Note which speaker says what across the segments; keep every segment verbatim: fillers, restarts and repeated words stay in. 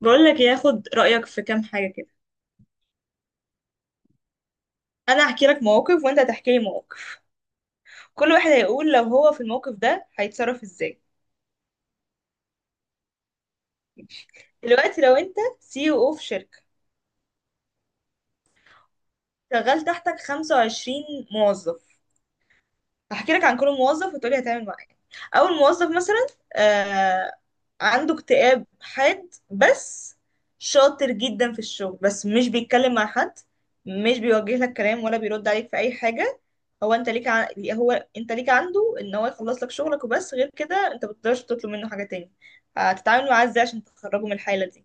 Speaker 1: بقول لك إيه، هاخد رأيك في كام حاجة كده. انا هحكي لك مواقف وانت هتحكي لي مواقف. كل واحد هيقول لو هو في الموقف ده هيتصرف ازاي. دلوقتي لو انت سي او او في شركة، شغال تحتك خمسة وعشرين موظف. هحكي لك عن كل موظف وتقولي هتعمل، او الموظف مثلا آه عنده اكتئاب حاد، بس شاطر جدا في الشغل، بس مش بيتكلم مع حد، مش بيوجه لك كلام ولا بيرد عليك في اي حاجة. هو انت ليك ع... هو انت ليك عنده ان هو يخلص لك شغلك وبس، غير كده انت ما بتقدرش تطلب منه حاجة تاني. هتتعامل معاه ازاي عشان تخرجه من الحالة دي؟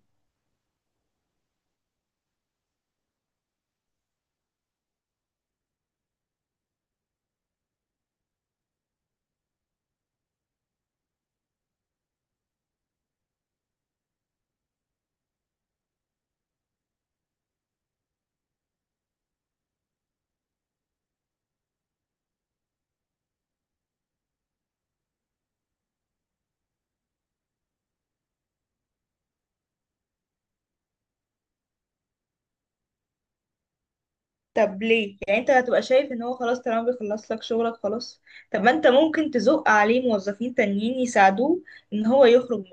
Speaker 1: طب ليه؟ يعني انت هتبقى شايف ان هو خلاص طالما بيخلص لك شغلك خلاص؟ طب ما انت ممكن تزق عليه موظفين تانيين يساعدوه ان هو يخرج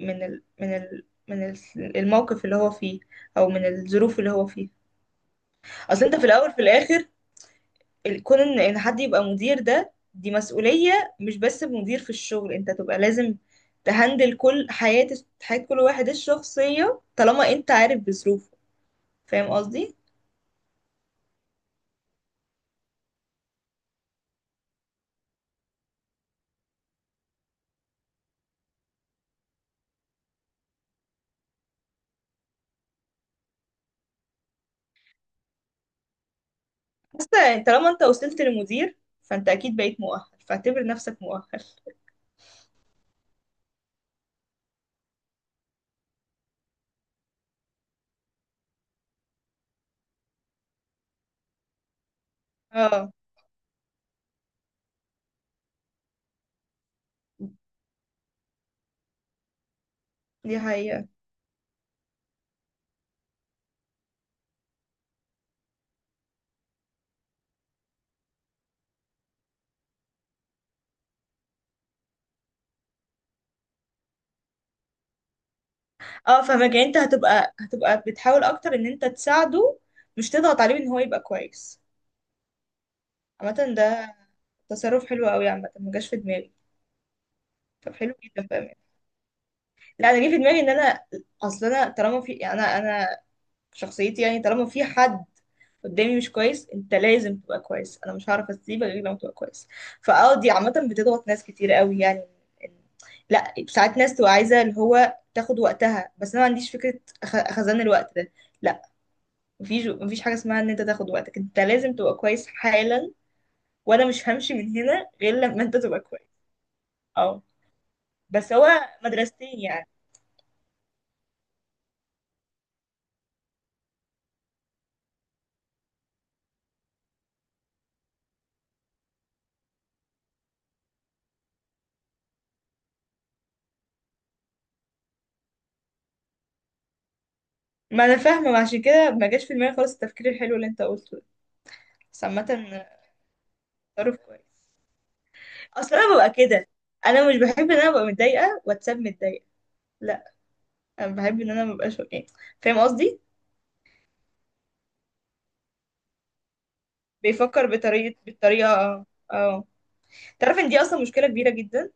Speaker 1: من من ال من ال من ال- الموقف اللي هو فيه، او من الظروف اللي هو فيها. اصل انت في الاول في الاخر، ال- كون ان ان حد يبقى مدير، ده دي مسؤولية. مش بس مدير في الشغل، انت تبقى لازم تهندل كل حياة حياة كل واحد الشخصية طالما انت عارف بظروفه، فاهم قصدي. بس طالما انت وصلت لمدير، فانت اكيد بقيت مؤهل، فاعتبر نفسك مؤهل. اه، دي حقيقة. اه، فاهمك، يعني انت هتبقى هتبقى بتحاول اكتر ان انت تساعده، مش تضغط عليه ان هو يبقى كويس. عامة، ده تصرف حلو قوي. عامة ما جاش في دماغي. طب حلو جدا، فاهم. لا، انا جه في دماغي ان انا، اصل انا طالما في، يعني انا في شخصيتي يعني، طالما في حد قدامي مش كويس، انت لازم تبقى كويس، انا مش هعرف اسيبك غير لما تبقى كويس. فاه، دي عامه بتضغط ناس كتير قوي يعني. إن- لا، ساعات ناس تبقى عايزه اللي هو تاخد وقتها، بس انا ما عنديش فكره خ- خزان الوقت ده. لا، مفيش مفيش حاجه اسمها ان انت تاخد وقتك، انت لازم تبقى كويس حالا، وانا مش همشي من هنا غير لما انت تبقى كويس. اه، بس هو مدرستين يعني. ما انا فاهمه، ما عشان كده ما جاش في دماغي خالص التفكير الحلو اللي انت قلته ده. بس عامه، تصرف كويس. اصل انا ببقى كده، انا مش بحب ان انا ابقى متضايقه واتساب متضايقه، لا، انا بحب ان انا مبقاش يعني، فاهم قصدي. بيفكر بطريقه بالطريقه. اه. تعرف ان دي اصلا مشكله كبيره جدا.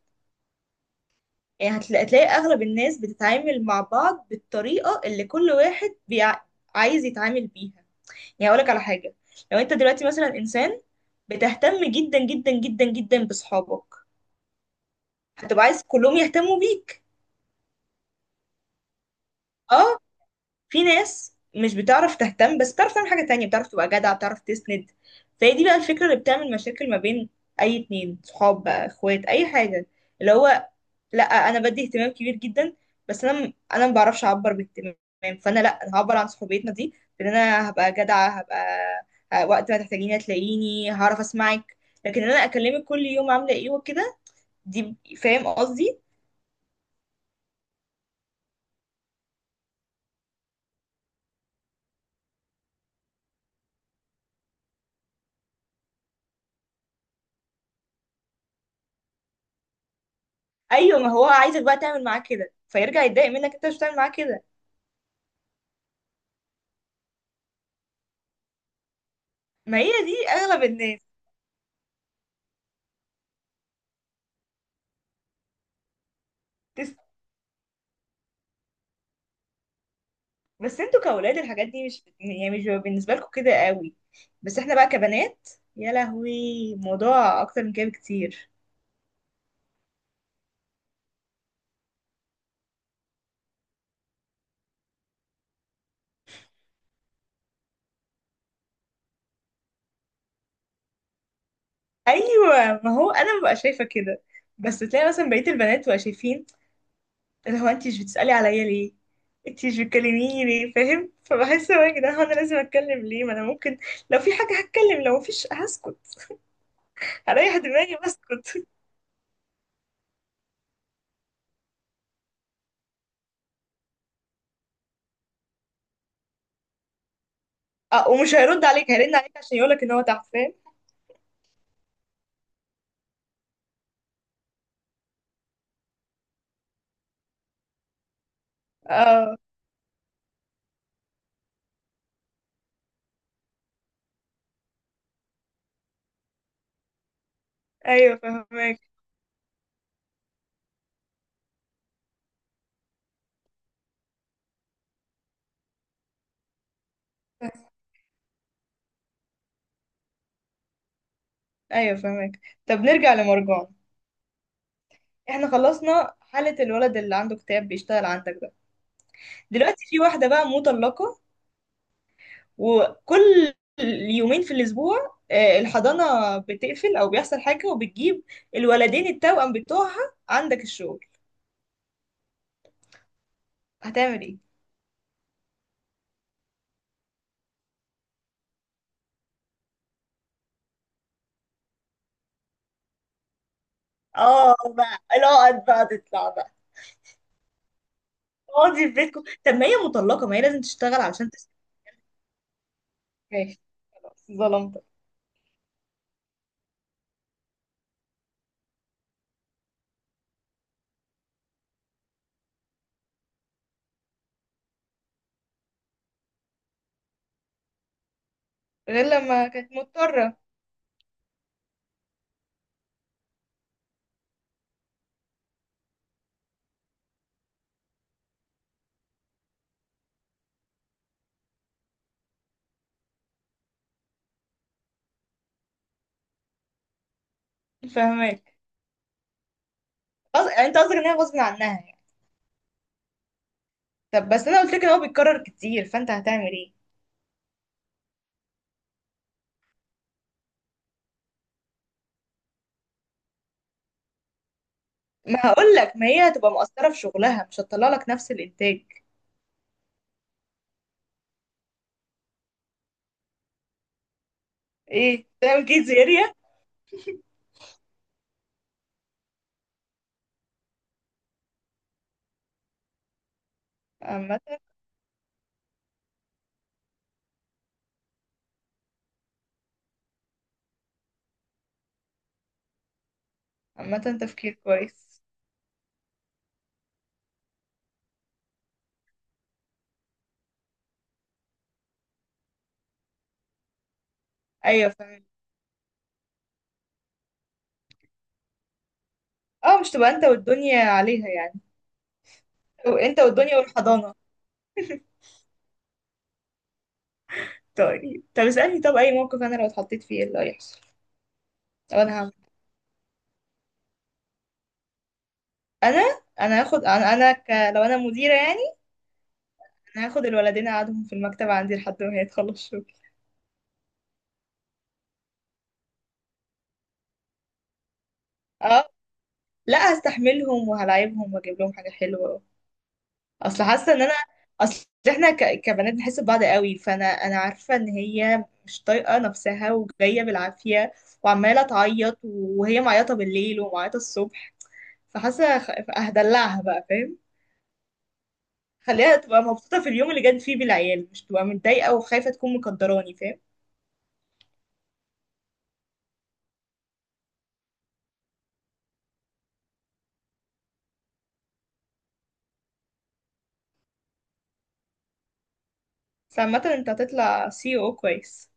Speaker 1: يعني هتلاقي, هتلاقي اغلب الناس بتتعامل مع بعض بالطريقه اللي كل واحد بيع... عايز يتعامل بيها. يعني اقول لك على حاجه. لو انت دلوقتي مثلا انسان بتهتم جدا جدا جدا جدا بصحابك، هتبقى عايز كلهم يهتموا بيك. اه. في ناس مش بتعرف تهتم، بس بتعرف تعمل حاجة تانية، بتعرف تبقى جدع، بتعرف تسند. فهي دي بقى الفكرة اللي بتعمل مشاكل ما بين أي اتنين صحاب، بقى اخوات، أي حاجة، اللي هو لأ أنا بدي اهتمام كبير جدا، بس أنا أنا ما بعرفش أعبر باهتمام، فأنا لأ، أنا هعبر عن صحوبيتنا دي بإن أنا هبقى جدعة، هبقى ه- وقت ما تحتاجيني هتلاقيني، هعرف أسمعك، لكن إن أنا أكلمك كل يوم عاملة إيه وكده، دي فاهم قصدي؟ أيوة، ما هو عايزك بقى تعمل معاه كده فيرجع يتضايق منك أنت مش بتعمل معاه كده. ما هي دي اغلب الناس. تس... بس انتوا كاولاد الحاجات دي، مش يعني مش بيبقى بالنسبه لكم كده قوي، بس احنا بقى كبنات، يا لهوي، الموضوع اكتر من كده بكتير. ايوه، ما هو انا ببقى شايفه كده. بس تلاقي مثلا بقيه البنات بقى شايفين اللي هو انت مش بتسالي عليا ليه، انت مش بتكلميني ليه، فاهم؟ فبحس هو، يا جدعان هو انا لازم اتكلم ليه؟ ما انا ممكن لو في حاجه هتكلم، لو مفيش هسكت، هريح دماغي واسكت. اه، ومش هيرد عليك، هيرن عليك عشان يقولك ان هو تحت، فاهم. اه، ايوه فاهمك، ايوه فاهمك. طب نرجع لمرجان. احنا خلصنا حالة الولد اللي عنده اكتئاب بيشتغل عندك ده. دلوقتي في واحدة بقى مطلقة، وكل يومين في الاسبوع آه، الحضانة بتقفل او بيحصل حاجة، وبتجيب الولدين التوأم بتوعها عندك الشغل، هتعمل ايه؟ اه بقى، لا بقى، تطلع بقى اقعدي في بيتكم، طب ما هي مطلقة، ما هي لازم تشتغل علشان تس- ماشي، خلاص ظلمتك. غير لما كانت مضطرة. فاهماك. قص- يعني انت قصدك ان هي غصب عنها يعني. طب بس انا قلت لك ان هو بيتكرر كتير، فانت هتعمل ايه؟ ما هقول لك، ما هي هتبقى مقصره في شغلها، مش هتطلع لك نفس الانتاج. ايه، تعمل كيدز اريا. عامه عامه تفكير كويس. ايوه فاهم. اه، مش تبقى انت والدنيا عليها يعني، أو انت والدنيا والحضانه. طيب طب اسالني. طب اي موقف انا لو اتحطيت فيه ايه اللي هيحصل؟ طب انا هعمل إيه؟ انا انا هاخد، انا انا ك... لو انا مديره يعني. انا هاخد الولدين اقعدهم في المكتب عندي لحد ما هي تخلص شغل. اه، لا، هستحملهم وهلاعبهم واجيب لهم حاجه حلوه. اصل حاسه ان انا، اصل احنا ك... كبنات بنحس ببعض قوي، فانا انا عارفه ان هي مش طايقه نفسها وجايه بالعافيه، وعماله تعيط، وهي معيطه بالليل ومعيطه الصبح، فحاسه خ- هدلعها بقى فاهم. خليها تبقى مبسوطه في اليوم اللي جت فيه بالعيال، مش تبقى متضايقه وخايفه تكون مقدراني فاهم. بس عامه انت هتطلع سي او كويس.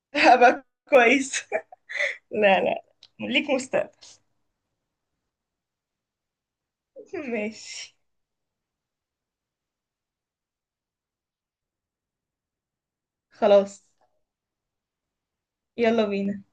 Speaker 1: هبقى كويس لا لا، ليك مستقبل. ماشي، خلاص، يلا بينا.